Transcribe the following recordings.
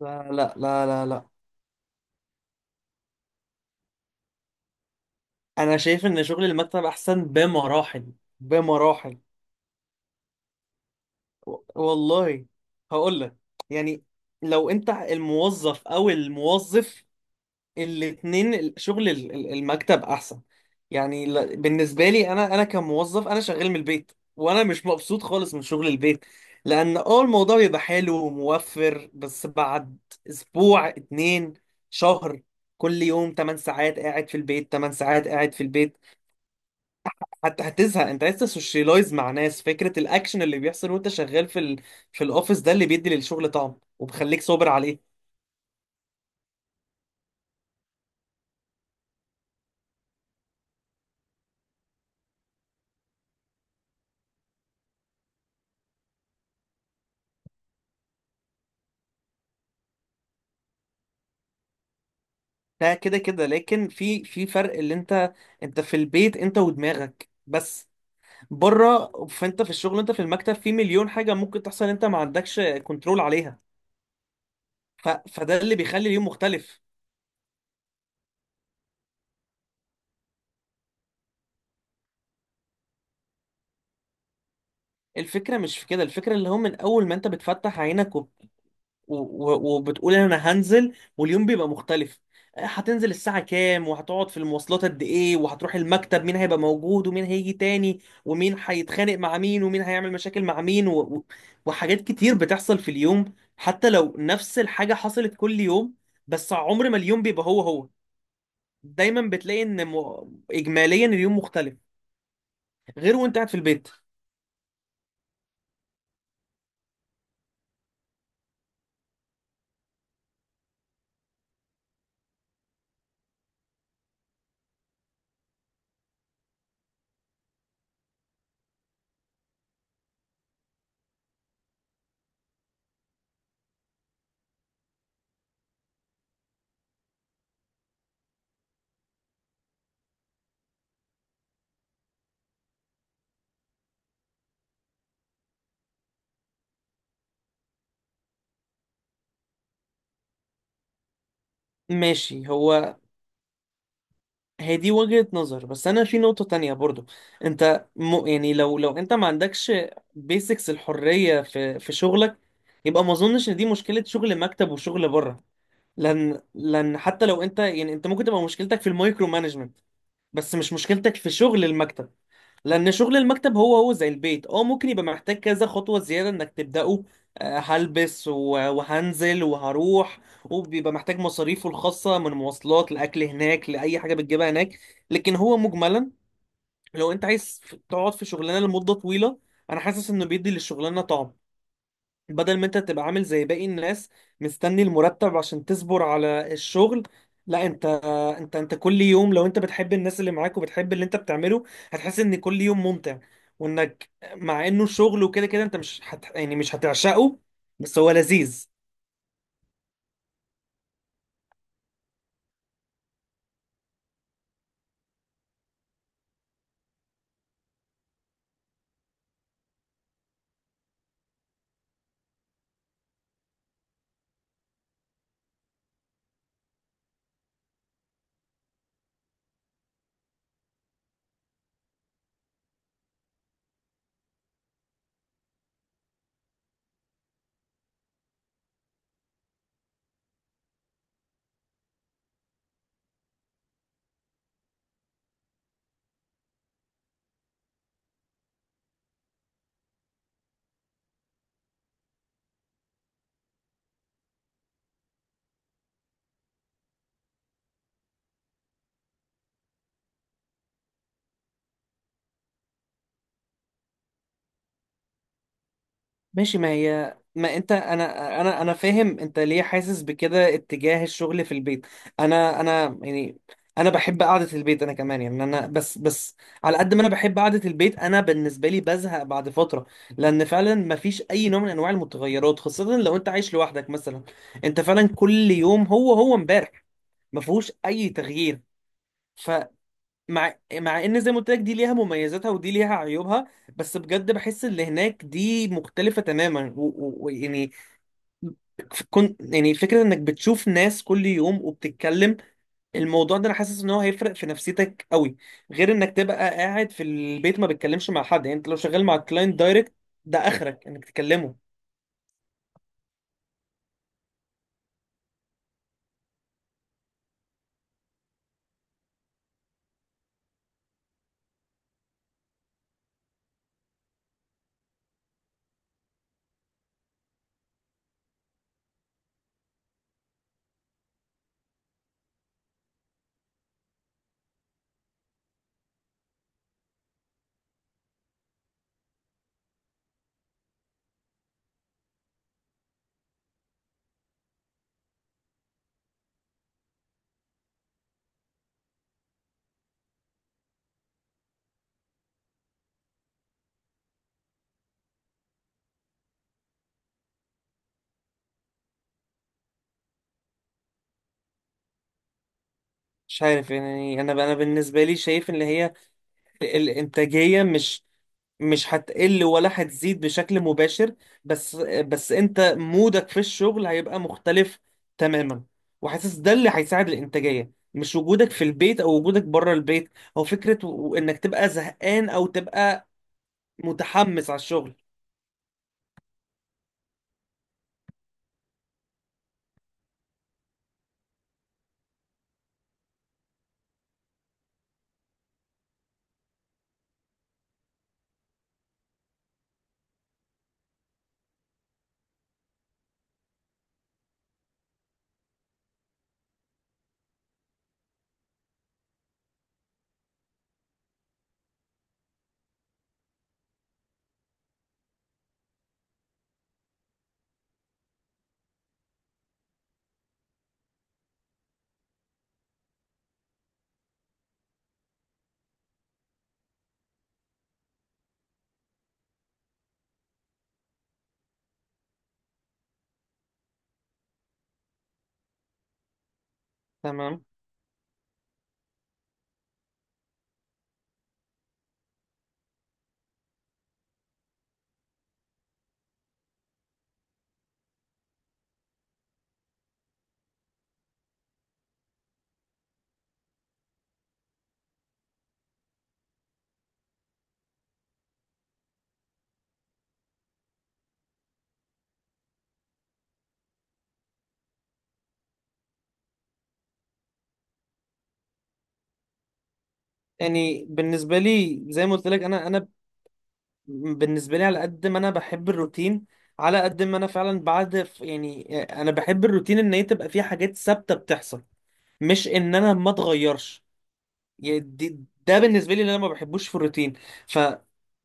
لا لا لا لا لا. انا شايف ان شغل المكتب احسن بمراحل، بمراحل. والله هقول لك، يعني لو انت الموظف او الموظف الاتنين، شغل المكتب احسن. يعني بالنسبه لي، انا كموظف انا شغال من البيت وانا مش مبسوط خالص من شغل البيت، لان اه الموضوع بيبقى حلو وموفر، بس بعد اسبوع، اتنين، شهر، كل يوم 8 ساعات قاعد في البيت، 8 ساعات قاعد في البيت، حتى هتزهق. انت عايز تسوشيلايز مع ناس، فكره الاكشن اللي بيحصل وانت شغال في في الاوفيس، ده اللي بيدي للشغل طعم وبخليك صابر عليه. ده كده كده، لكن في فرق. اللي انت، انت في البيت انت ودماغك بس. بره، فانت في الشغل، انت في المكتب، في مليون حاجه ممكن تحصل انت ما عندكش كنترول عليها. فده اللي بيخلي اليوم مختلف. الفكره مش في كده، الفكره اللي هو من اول ما انت بتفتح عينك وبتقول انا هنزل، واليوم بيبقى مختلف. آه، هتنزل الساعة كام، وهتقعد في المواصلات قد ايه، وهتروح المكتب مين هيبقى موجود ومين هيجي تاني ومين هيتخانق مع مين ومين هيعمل مشاكل مع مين وحاجات كتير بتحصل في اليوم، حتى لو نفس الحاجة حصلت كل يوم، بس عمر ما اليوم بيبقى هو هو. دايما بتلاقي ان اجماليا اليوم مختلف، غير وانت قاعد في البيت. ماشي. هو هي دي وجهة نظر، بس انا في نقطة تانية برضو. انت يعني لو انت ما عندكش بيسكس الحرية في شغلك، يبقى ما اظنش ان دي مشكلة شغل مكتب وشغل بره. لان حتى لو انت، يعني انت ممكن تبقى مشكلتك في المايكرو مانجمنت، بس مش مشكلتك في شغل المكتب. لان شغل المكتب هو هو زي البيت، اه ممكن يبقى محتاج كذا خطوة زيادة انك تبدأه، آه، هلبس وهنزل وهروح، وبيبقى محتاج مصاريفه الخاصة، من مواصلات، لأكل هناك، لأي حاجة بتجيبها هناك. لكن هو مجملا، لو انت عايز تقعد في شغلانة لمدة طويلة، انا حاسس انه بيدي للشغلانة طعم، بدل ما انت تبقى عامل زي باقي الناس مستني المرتب عشان تصبر على الشغل. لا، انت كل يوم، لو انت بتحب الناس اللي معاك وبتحب اللي انت بتعمله، هتحس ان كل يوم ممتع، وانك مع انه شغل وكده كده انت مش هت... يعني مش هتعشقه، بس هو لذيذ. ماشي. ما هي، ما انت، انا فاهم انت ليه حاسس بكده اتجاه الشغل في البيت. انا يعني انا بحب قعدة البيت انا كمان، يعني انا بس على قد ما انا بحب قعدة البيت، انا بالنسبة لي بزهق بعد فترة، لان فعلا ما فيش اي نوع من انواع المتغيرات، خاصة لو انت عايش لوحدك مثلا. انت فعلا كل يوم هو هو امبارح، ما فيهوش اي تغيير. مع ان زي ما قلت لك دي ليها مميزاتها ودي ليها عيوبها، بس بجد بحس اللي هناك دي مختلفة تماما. ويعني كنت، يعني فكرة انك بتشوف ناس كل يوم وبتتكلم، الموضوع ده انا حاسس ان هو هيفرق في نفسيتك قوي، غير انك تبقى قاعد في البيت ما بتكلمش مع حد. يعني انت لو شغال مع الكلاينت دايركت، ده اخرك انك تكلمه. مش عارف. يعني انا بالنسبة لي شايف ان هي الانتاجية مش هتقل ولا هتزيد بشكل مباشر، بس انت مودك في الشغل هيبقى مختلف تماما، وحاسس ده اللي هيساعد الانتاجية، مش وجودك في البيت او وجودك بره البيت، او فكرة انك تبقى زهقان او تبقى متحمس على الشغل. تمام. يعني بالنسبة لي زي ما قلت لك، انا بالنسبة لي على قد ما انا بحب الروتين، على قد ما انا فعلا، بعد، يعني انا بحب الروتين ان هي تبقى فيه حاجات ثابتة بتحصل، مش ان انا ما اتغيرش. يعني ده بالنسبه لي اللي انا ما بحبوش في الروتين. ف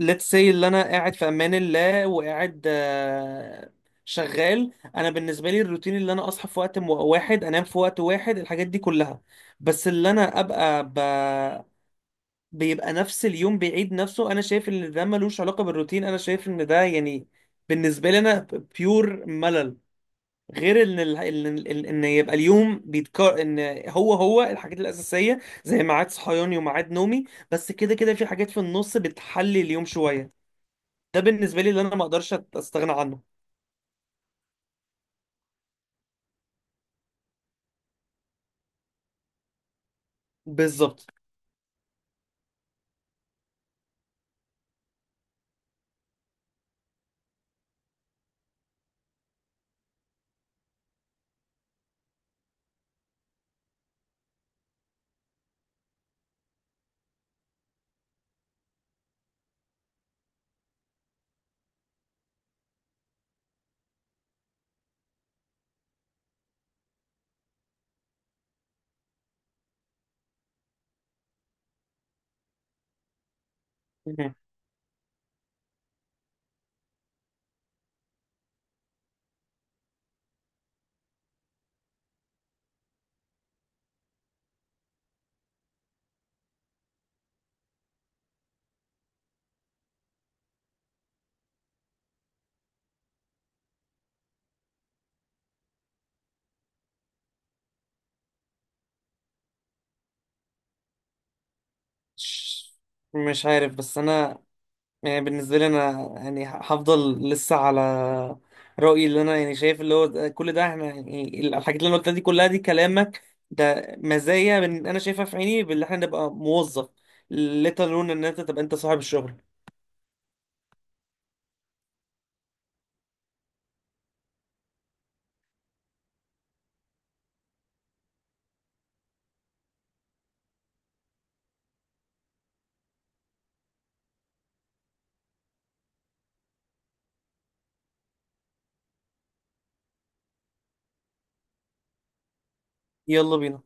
let's say اللي انا قاعد في امان الله وقاعد، آه، شغال، انا بالنسبه لي الروتين اللي انا اصحى في وقت واحد، انام في وقت واحد، الحاجات دي كلها. بس اللي انا ابقى بيبقى نفس اليوم بيعيد نفسه، انا شايف ان ده ملوش علاقه بالروتين. انا شايف ان ده يعني بالنسبه لي انا بيور ملل. غير ان ال... ان ان إن يبقى اليوم بيتكرر، ان هو هو الحاجات الاساسيه زي ميعاد صحياني وميعاد نومي، بس كده كده في حاجات في النص بتحلي اليوم شويه. ده بالنسبه لي اللي انا ما اقدرش استغنى عنه. بالظبط. مهم. مش مش عارف، بس انا يعني بالنسبة لي أنا يعني هفضل لسه على رأيي، اللي أنا يعني شايف اللي هو كل ده إحنا، يعني الحاجات اللي أنا قلتها دي كلها، دي كلامك، ده مزايا من أنا شايفها في عيني باللي إحنا نبقى موظف، لا تلون إن أنت تبقى أنت صاحب الشغل. يلا بينا.